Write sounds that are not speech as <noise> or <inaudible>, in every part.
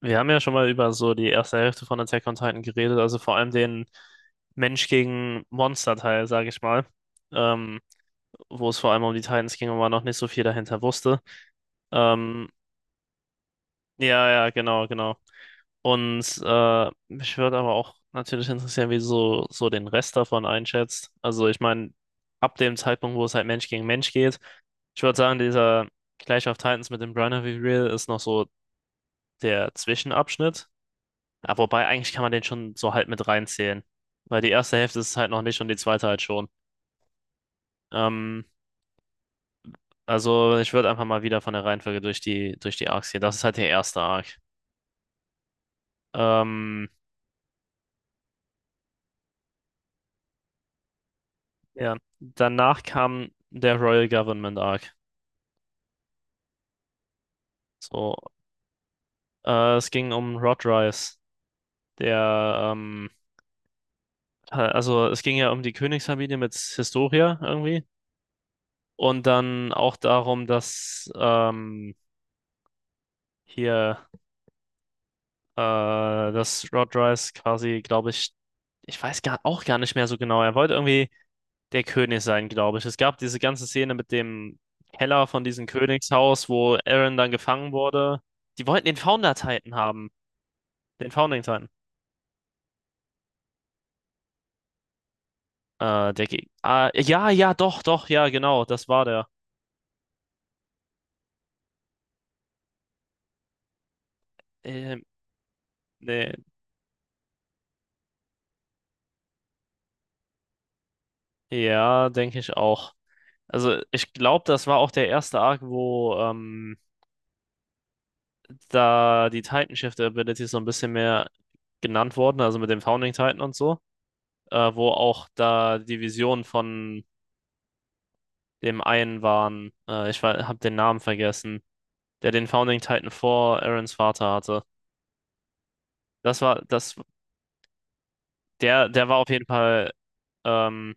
Wir haben ja schon mal über so die erste Hälfte von Attack on Titan geredet, also vor allem den Mensch gegen Monster-Teil, sage ich mal, ähm, wo es vor allem um die Titans ging und man noch nicht so viel dahinter wusste. Ähm, ja, ja, genau, genau. Und mich würde aber auch natürlich interessieren, wie du so, so den Rest davon einschätzt. Also ich meine, ab dem Zeitpunkt, wo es halt Mensch gegen Mensch geht, ich würde sagen, dieser Clash of Titans mit dem Bronner Reveal ist noch so der Zwischenabschnitt. Ja, wobei, eigentlich kann man den schon so halt mit reinzählen. Weil die erste Hälfte ist es halt noch nicht und die zweite halt schon. Ähm, also ich würde einfach mal wieder von der Reihenfolge durch die Arcs gehen. Das ist halt der erste Arc. Ähm, ja. Danach kam der Royal Government Arc. So, es ging um Rodrice, der, also es ging ja um die Königsfamilie mit Historia irgendwie. Und dann auch darum, dass hier dass Rodrice quasi, glaube ich, ich weiß gar, auch gar nicht mehr so genau. Er wollte irgendwie der König sein, glaube ich. Es gab diese ganze Szene mit dem Keller von diesem Königshaus, wo Aaron dann gefangen wurde. Die wollten den Founder Titan haben. Den Founding Titan. Ja, ja, doch, doch, ja, genau, das war der. Ähm, nee, ja, denke ich auch. Also, ich glaube, das war auch der erste Arc, wo da die Titan Shift Abilities so ein bisschen mehr genannt wurden, also mit dem Founding Titan und so. Wo auch da Divisionen von dem einen waren. Ich habe den Namen vergessen, der den Founding Titan vor Aarons Vater hatte. Das war, das, der, der war auf jeden Fall, ähm,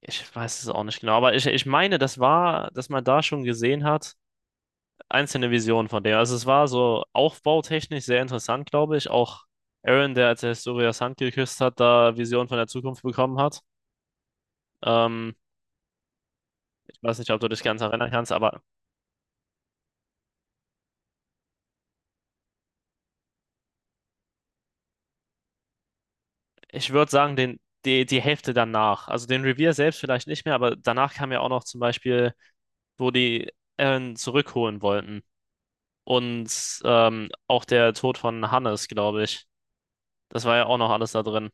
ich weiß es auch nicht genau, aber ich meine, das war, dass man da schon gesehen hat, einzelne Visionen von dem. Also es war so aufbautechnisch sehr interessant, glaube ich. Auch Aaron, der als er Historias Hand geküsst hat, da Visionen von der Zukunft bekommen hat. Ähm, ich weiß nicht, ob du dich ganz erinnern kannst, aber ich würde sagen, den, die Hälfte danach. Also den Revier selbst vielleicht nicht mehr, aber danach kam ja auch noch zum Beispiel, wo die Eren zurückholen wollten. Und auch der Tod von Hannes, glaube ich. Das war ja auch noch alles da drin.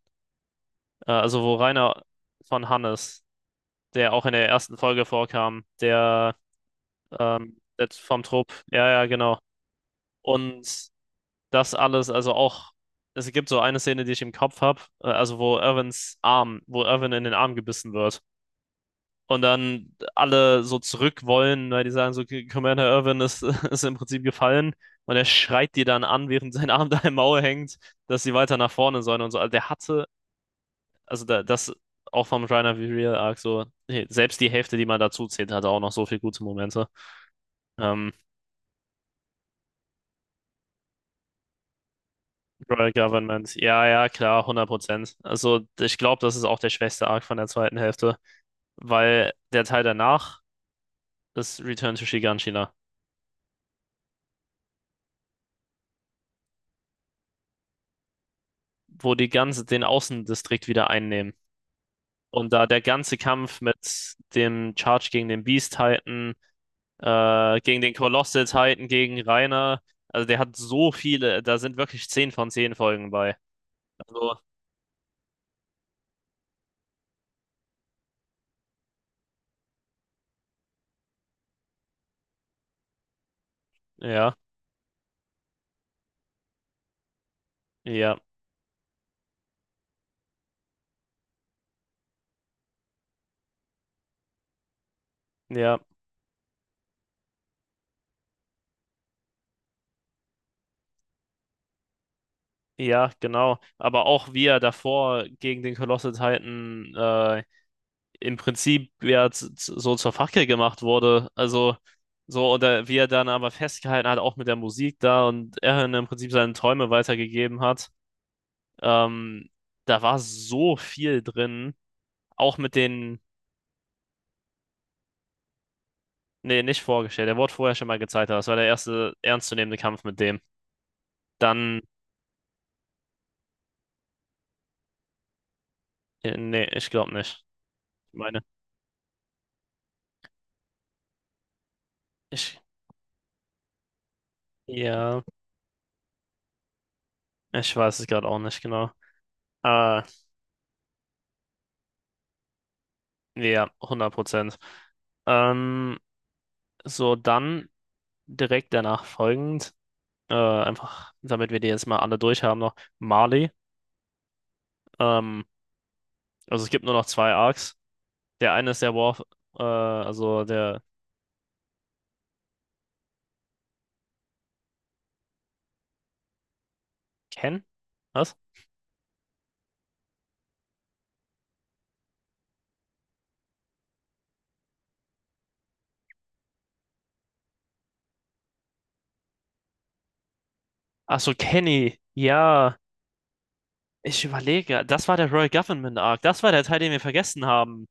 Also wo Rainer von Hannes, der auch in der ersten Folge vorkam, der, der vom Trupp. Ja, ja, genau. Und das alles, also auch, es gibt so eine Szene, die ich im Kopf habe, also wo Irvin in den Arm gebissen wird. Und dann alle so zurück wollen, weil die sagen so, Commander Irwin ist, <laughs> ist im Prinzip gefallen. Und er schreit die dann an, während sein Arm <laughs> da im Maul hängt, dass sie weiter nach vorne sollen und so. Also der hatte, also da, das auch vom Reiner Real Arc so, hey, selbst die Hälfte, die man dazu zählt, hatte auch noch so viele gute Momente. Ähm, Royal Government, ja, ja, klar, 100%. Also ich glaube, das ist auch der schwächste Arc von der zweiten Hälfte, weil der Teil danach ist Return to Shiganshina, wo die ganze den Außendistrikt wieder einnehmen. Und da der ganze Kampf mit dem Charge gegen den Beast Titan, gegen den Colossal Titan, gegen Reiner, also der hat so viele, da sind wirklich 10 von 10 Folgen bei. Also, ja, ja, ja, ja, genau. Aber auch wie er davor gegen den Colossal Titan im Prinzip ja so zur Fackel gemacht wurde. Also, so, oder wie er dann aber festgehalten hat, auch mit der Musik da und er im Prinzip seine Träume weitergegeben hat. Ähm, da war so viel drin, auch mit den, nee, nicht vorgestellt, der wurde vorher schon mal gezeigt, aber das war der erste ernstzunehmende Kampf mit dem. Dann, nee, ich glaube nicht. Ich meine, ich, ja, ich weiß es gerade auch nicht genau. Äh, ja, 100%. Ähm, so, dann direkt danach folgend, einfach, damit wir die jetzt mal alle durch haben, noch Marley. Ähm, also es gibt nur noch zwei Arcs. Der eine ist der War, also der Ken? Was? Ach so, Kenny. Ja, ich überlege. Das war der Royal Government Arc. Das war der Teil, den wir vergessen haben.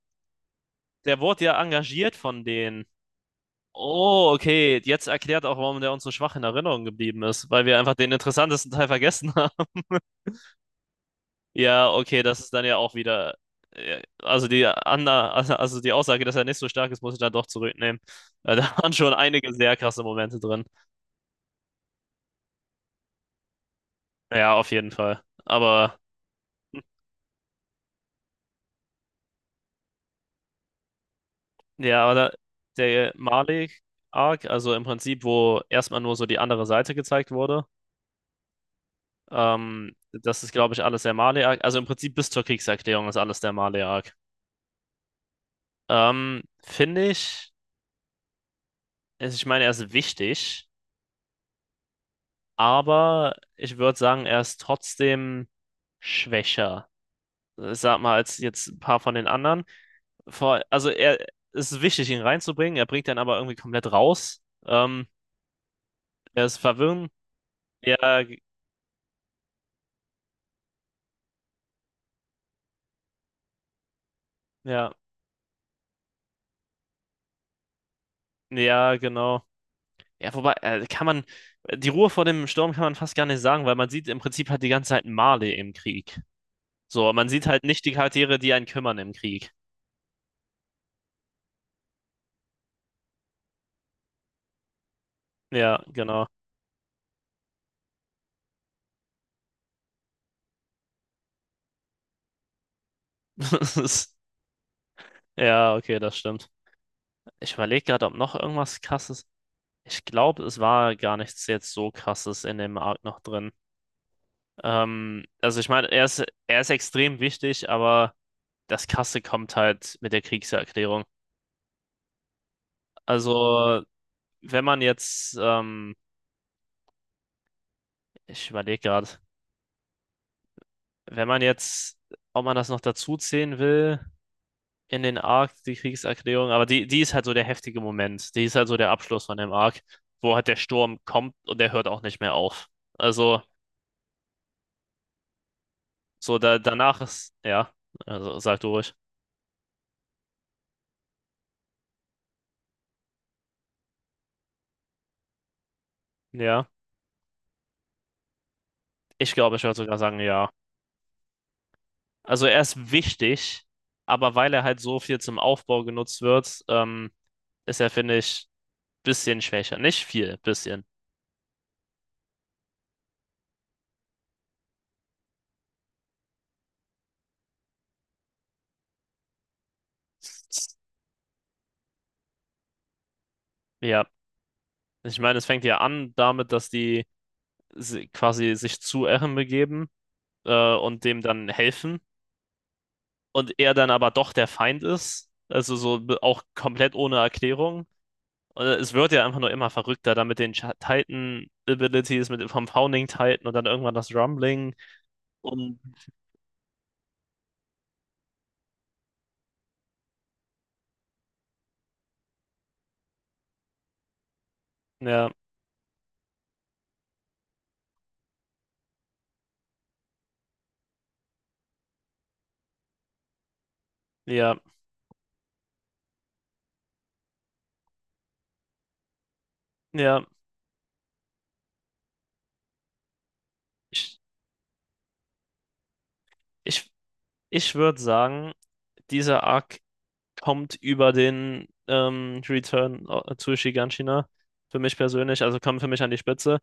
Der wurde ja engagiert von denen. Oh, okay. Jetzt erklärt auch, warum der uns so schwach in Erinnerung geblieben ist, weil wir einfach den interessantesten Teil vergessen haben. <laughs> Ja, okay, das ist dann ja auch wieder. Also also die Aussage, dass er nicht so stark ist, muss ich dann doch zurücknehmen. Da waren schon einige sehr krasse Momente drin. Ja, auf jeden Fall. Aber ja, aber da, der Malik-Arc, also im Prinzip, wo erstmal nur so die andere Seite gezeigt wurde, das ist, glaube ich, alles der Malik-Arc. Also im Prinzip bis zur Kriegserklärung ist alles der Malik-Arc. Finde ich, also ich meine, er ist wichtig, aber ich würde sagen, er ist trotzdem schwächer, sag mal, als jetzt ein paar von den anderen. Also er, es ist wichtig, ihn reinzubringen, er bringt dann aber irgendwie komplett raus. Er ist verwirrend. Ja, g- ja, ja, genau. Ja, wobei, kann man, die Ruhe vor dem Sturm kann man fast gar nicht sagen, weil man sieht im Prinzip halt die ganze Zeit Marley im Krieg. So, man sieht halt nicht die Charaktere, die einen kümmern im Krieg. Ja, genau. <laughs> Das ist- ja, okay, das stimmt. Ich überlege gerade, ob noch irgendwas krasses. Ich glaube, es war gar nichts jetzt so krasses in dem Arc noch drin. Also ich meine, er ist extrem wichtig, aber das Krasse kommt halt mit der Kriegserklärung. Also, wenn man jetzt, ich überlege gerade, wenn man jetzt, ob man das noch dazu zählen will, in den Arc, die Kriegserklärung, aber die ist halt so der heftige Moment. Die ist halt so der Abschluss von dem Arc, wo halt der Sturm kommt und der hört auch nicht mehr auf. Also, so da, danach ist, ja, also sag du ruhig. Ja, ich glaube, ich würde sogar sagen, ja. Also, er ist wichtig, aber weil er halt so viel zum Aufbau genutzt wird, ist er, finde ich, bisschen schwächer. Nicht viel, bisschen. Ja, ich meine, es fängt ja an damit, dass die quasi sich zu Eren begeben und dem dann helfen und er dann aber doch der Feind ist, also auch komplett ohne Erklärung. Und es wird ja einfach nur immer verrückter, dann mit den Titan-Abilities, mit vom Founding Titan und dann irgendwann das Rumbling und ja, ja, ja. Ich, ich, ich würde sagen, dieser Arc kommt über den Return zu Shiganshina für mich persönlich, also kommt für mich an die Spitze.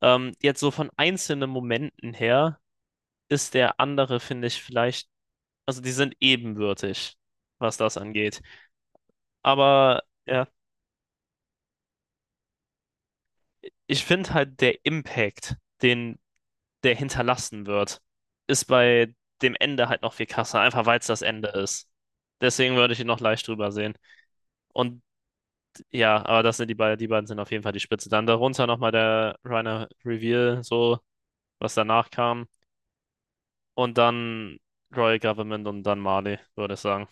Jetzt so von einzelnen Momenten her ist der andere, finde ich, vielleicht, also die sind ebenbürtig, was das angeht. Aber ja, ich finde halt der Impact, den der hinterlassen wird, ist bei dem Ende halt noch viel krasser, einfach weil es das Ende ist. Deswegen würde ich ihn noch leicht drüber sehen. Und ja, aber das sind die beiden sind auf jeden Fall die Spitze. Dann darunter nochmal der Reiner Reveal, so, was danach kam. Und dann Royal Government und dann Marley, würde ich sagen.